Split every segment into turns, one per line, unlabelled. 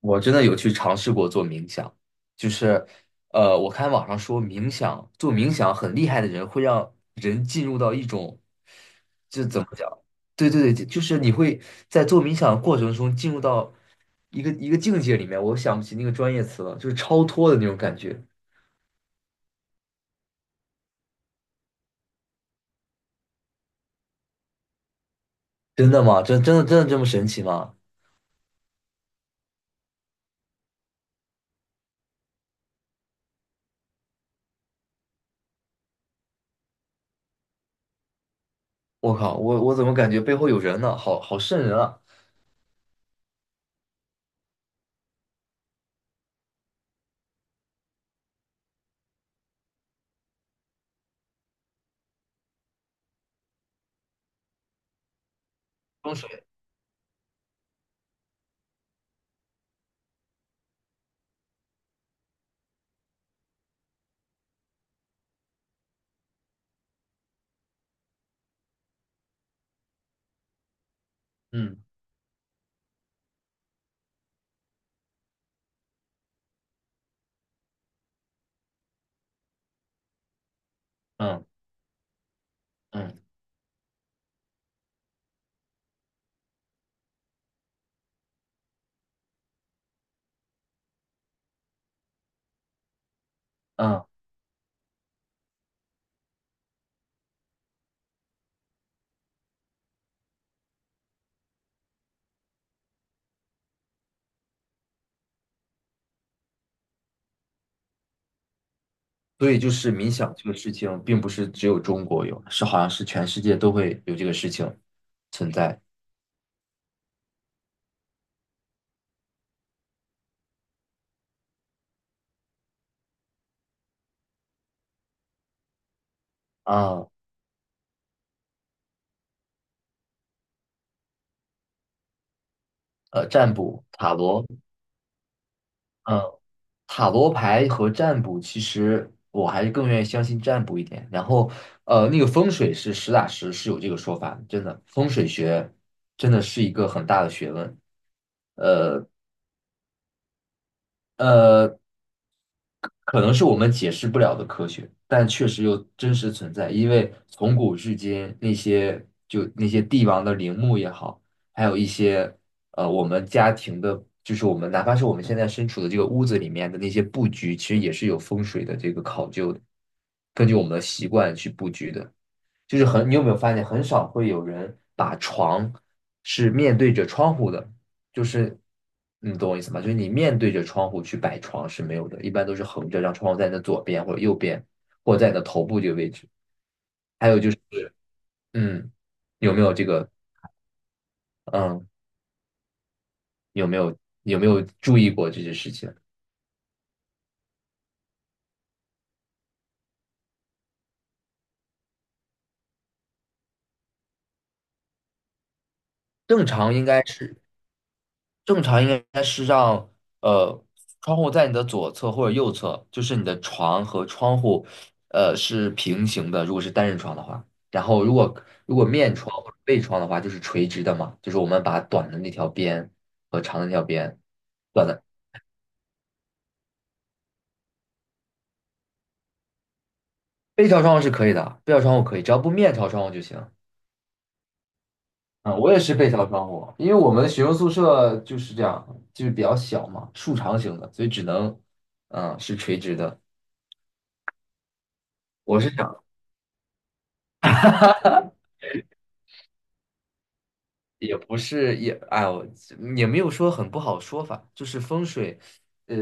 我真的有去尝试过做冥想，就是，我看网上说做冥想很厉害的人会让人进入到一种，这怎么讲？对对对，就是你会在做冥想的过程中进入到一个境界里面，我想不起那个专业词了，就是超脱的那种感觉。真的吗？真的这么神奇吗？我靠，我怎么感觉背后有人呢？好好瘆人啊！风水，嗯嗯嗯嗯。所以就是冥想这个事情，并不是只有中国有，好像是全世界都会有这个事情存在啊。占卜、塔罗，嗯，塔罗牌和占卜，其实我还是更愿意相信占卜一点。然后，那个风水是实打实是有这个说法的，真的，风水学真的是一个很大的学问。呃，可能是我们解释不了的科学，但确实又真实存在。因为从古至今，那些帝王的陵墓也好，还有一些我们家庭的，就是我们哪怕是我们现在身处的这个屋子里面的那些布局，其实也是有风水的这个考究的，根据我们的习惯去布局的。就是很，你有没有发现很少会有人把床是面对着窗户的，就是你懂我意思吗？就是你面对着窗户去摆床是没有的，一般都是横着，让窗户在你的左边或者右边，或者在你的头部这个位置。还有，嗯，有没有这个，嗯，有没有有没有注意过这些事情？正常应该是正常应该是让呃窗户在你的左侧或者右侧，就是你的床和窗户是平行的，如果是单人床的话。然后如果面窗或者背窗的话，就是垂直的嘛，就是我们把短的那条边和长的那条边，短的背朝窗户是可以的，背朝窗户可以，只要不面朝窗户就行。啊，我也是背朝窗户，因为我们学生宿舍就是这样，就是比较小嘛，竖长型的，所以只能是垂直的。我是想。也不是，哎呦，也没有说很不好说法，就是风水，呃，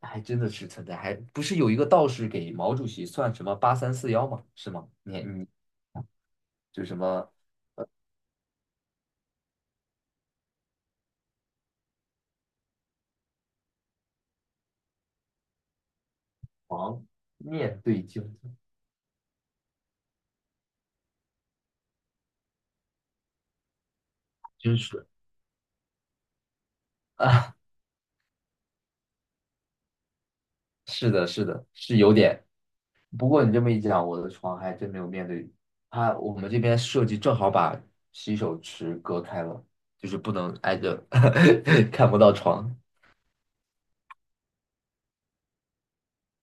还真的是存在，还不是有一个道士给毛主席算什么八三四幺嘛，是吗？你就什么王念对经。真是 啊，是的，是的，是有点。不过你这么一讲，我的床还真没有面对它，我们这边设计正好把洗手池隔开了，就是不能挨着，看不到床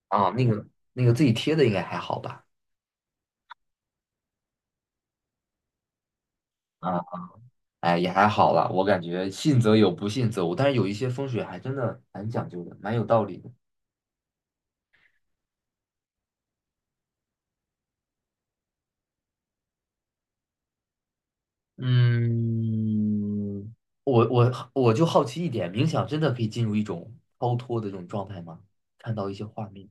啊。那个自己贴的应该还好吧？啊，哎，也还好啦，我感觉信则有，不信则无。但是有一些风水还真的蛮讲究的，蛮有道理的。嗯，我就好奇一点，冥想真的可以进入一种超脱的这种状态吗？看到一些画面。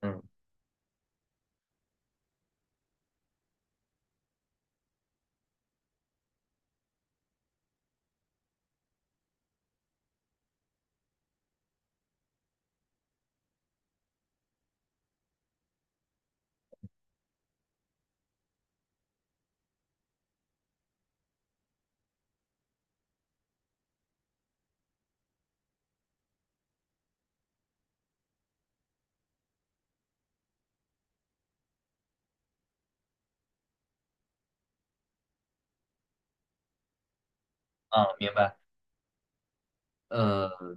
嗯，啊，明白。呃，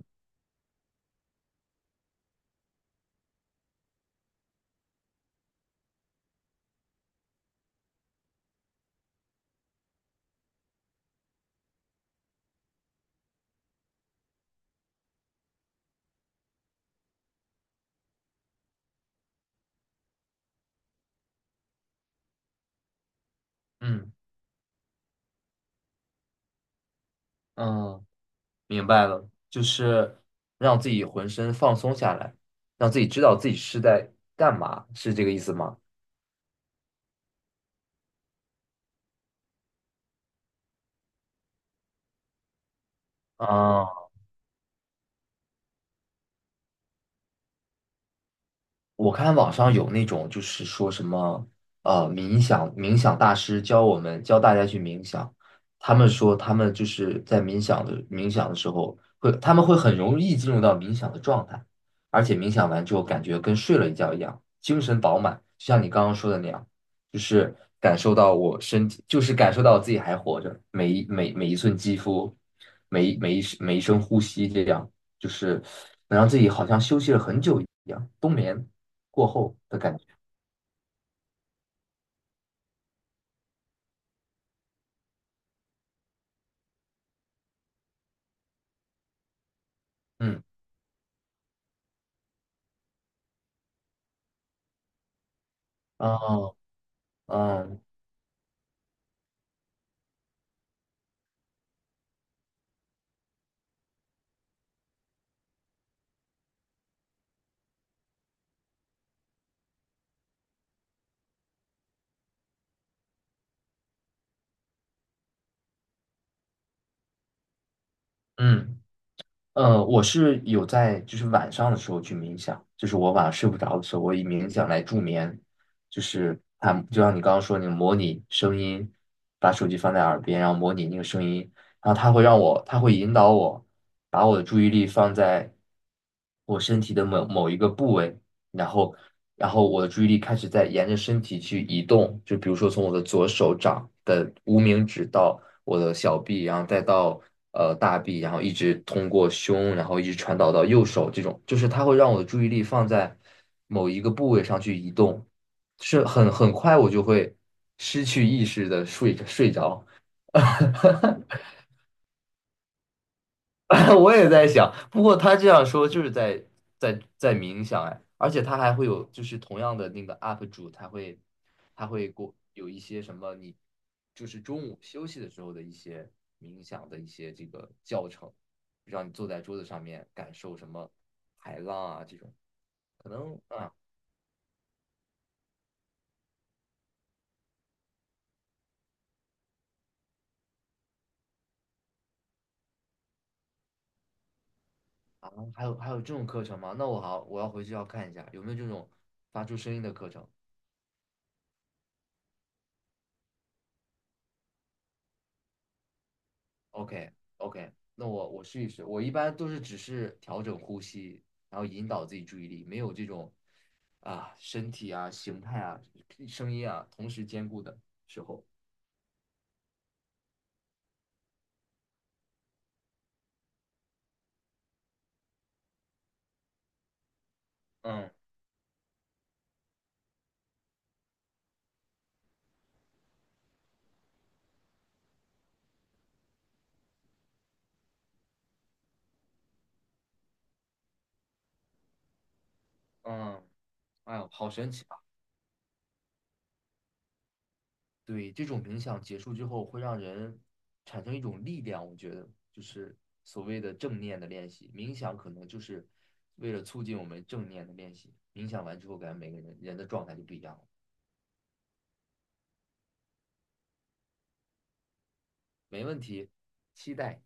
嗯嗯，明白了，就是让自己浑身放松下来，让自己知道自己是在干嘛，是这个意思吗？啊，我看网上有那种就是说什么冥想大师教我们教大家去冥想，他们说他们就是在冥想的时候他们会很容易进入到冥想的状态，而且冥想完之后感觉跟睡了一觉一样，精神饱满，就像你刚刚说的那样，就是感受到我身体，就是感受到自己还活着，每一寸肌肤，每一声呼吸，这样就是能让自己好像休息了很久一样，冬眠。过后的感觉。嗯，哦，嗯嗯我是有在就是晚上的时候去冥想，就是我晚上睡不着的时候，我以冥想来助眠，就是它就像你刚刚说，你模拟声音，把手机放在耳边，然后模拟那个声音，然后它会让我，它会引导我把我的注意力放在我身体的某某一个部位，然后我的注意力开始在沿着身体去移动，就比如说从我的左手掌的无名指到我的小臂，然后再到大臂，然后一直通过胸，然后一直传导到右手，这种就是它会让我的注意力放在某一个部位上去移动，是很很快我就会失去意识的睡着。我也在想，不过他这样说就是在冥想哎，而且他还会有就是同样的那个 UP 主，他会过有一些什么你就是中午休息的时候的一些冥想的一些这个教程，让你坐在桌子上面感受什么海浪啊这种，可能啊。啊，还有这种课程吗？那我好我要回去要看一下有没有这种发出声音的课程。OK OK，那我试一试。我一般都是只是调整呼吸，然后引导自己注意力，没有这种啊身体啊形态啊声音啊同时兼顾的时候。嗯嗯，哎呦，好神奇啊！对，这种冥想结束之后，会让人产生一种力量。我觉得，就是所谓的正念的练习，冥想可能就是为了促进我们正念的练习。冥想完之后，感觉每个人人的状态就不一样了。没问题，期待。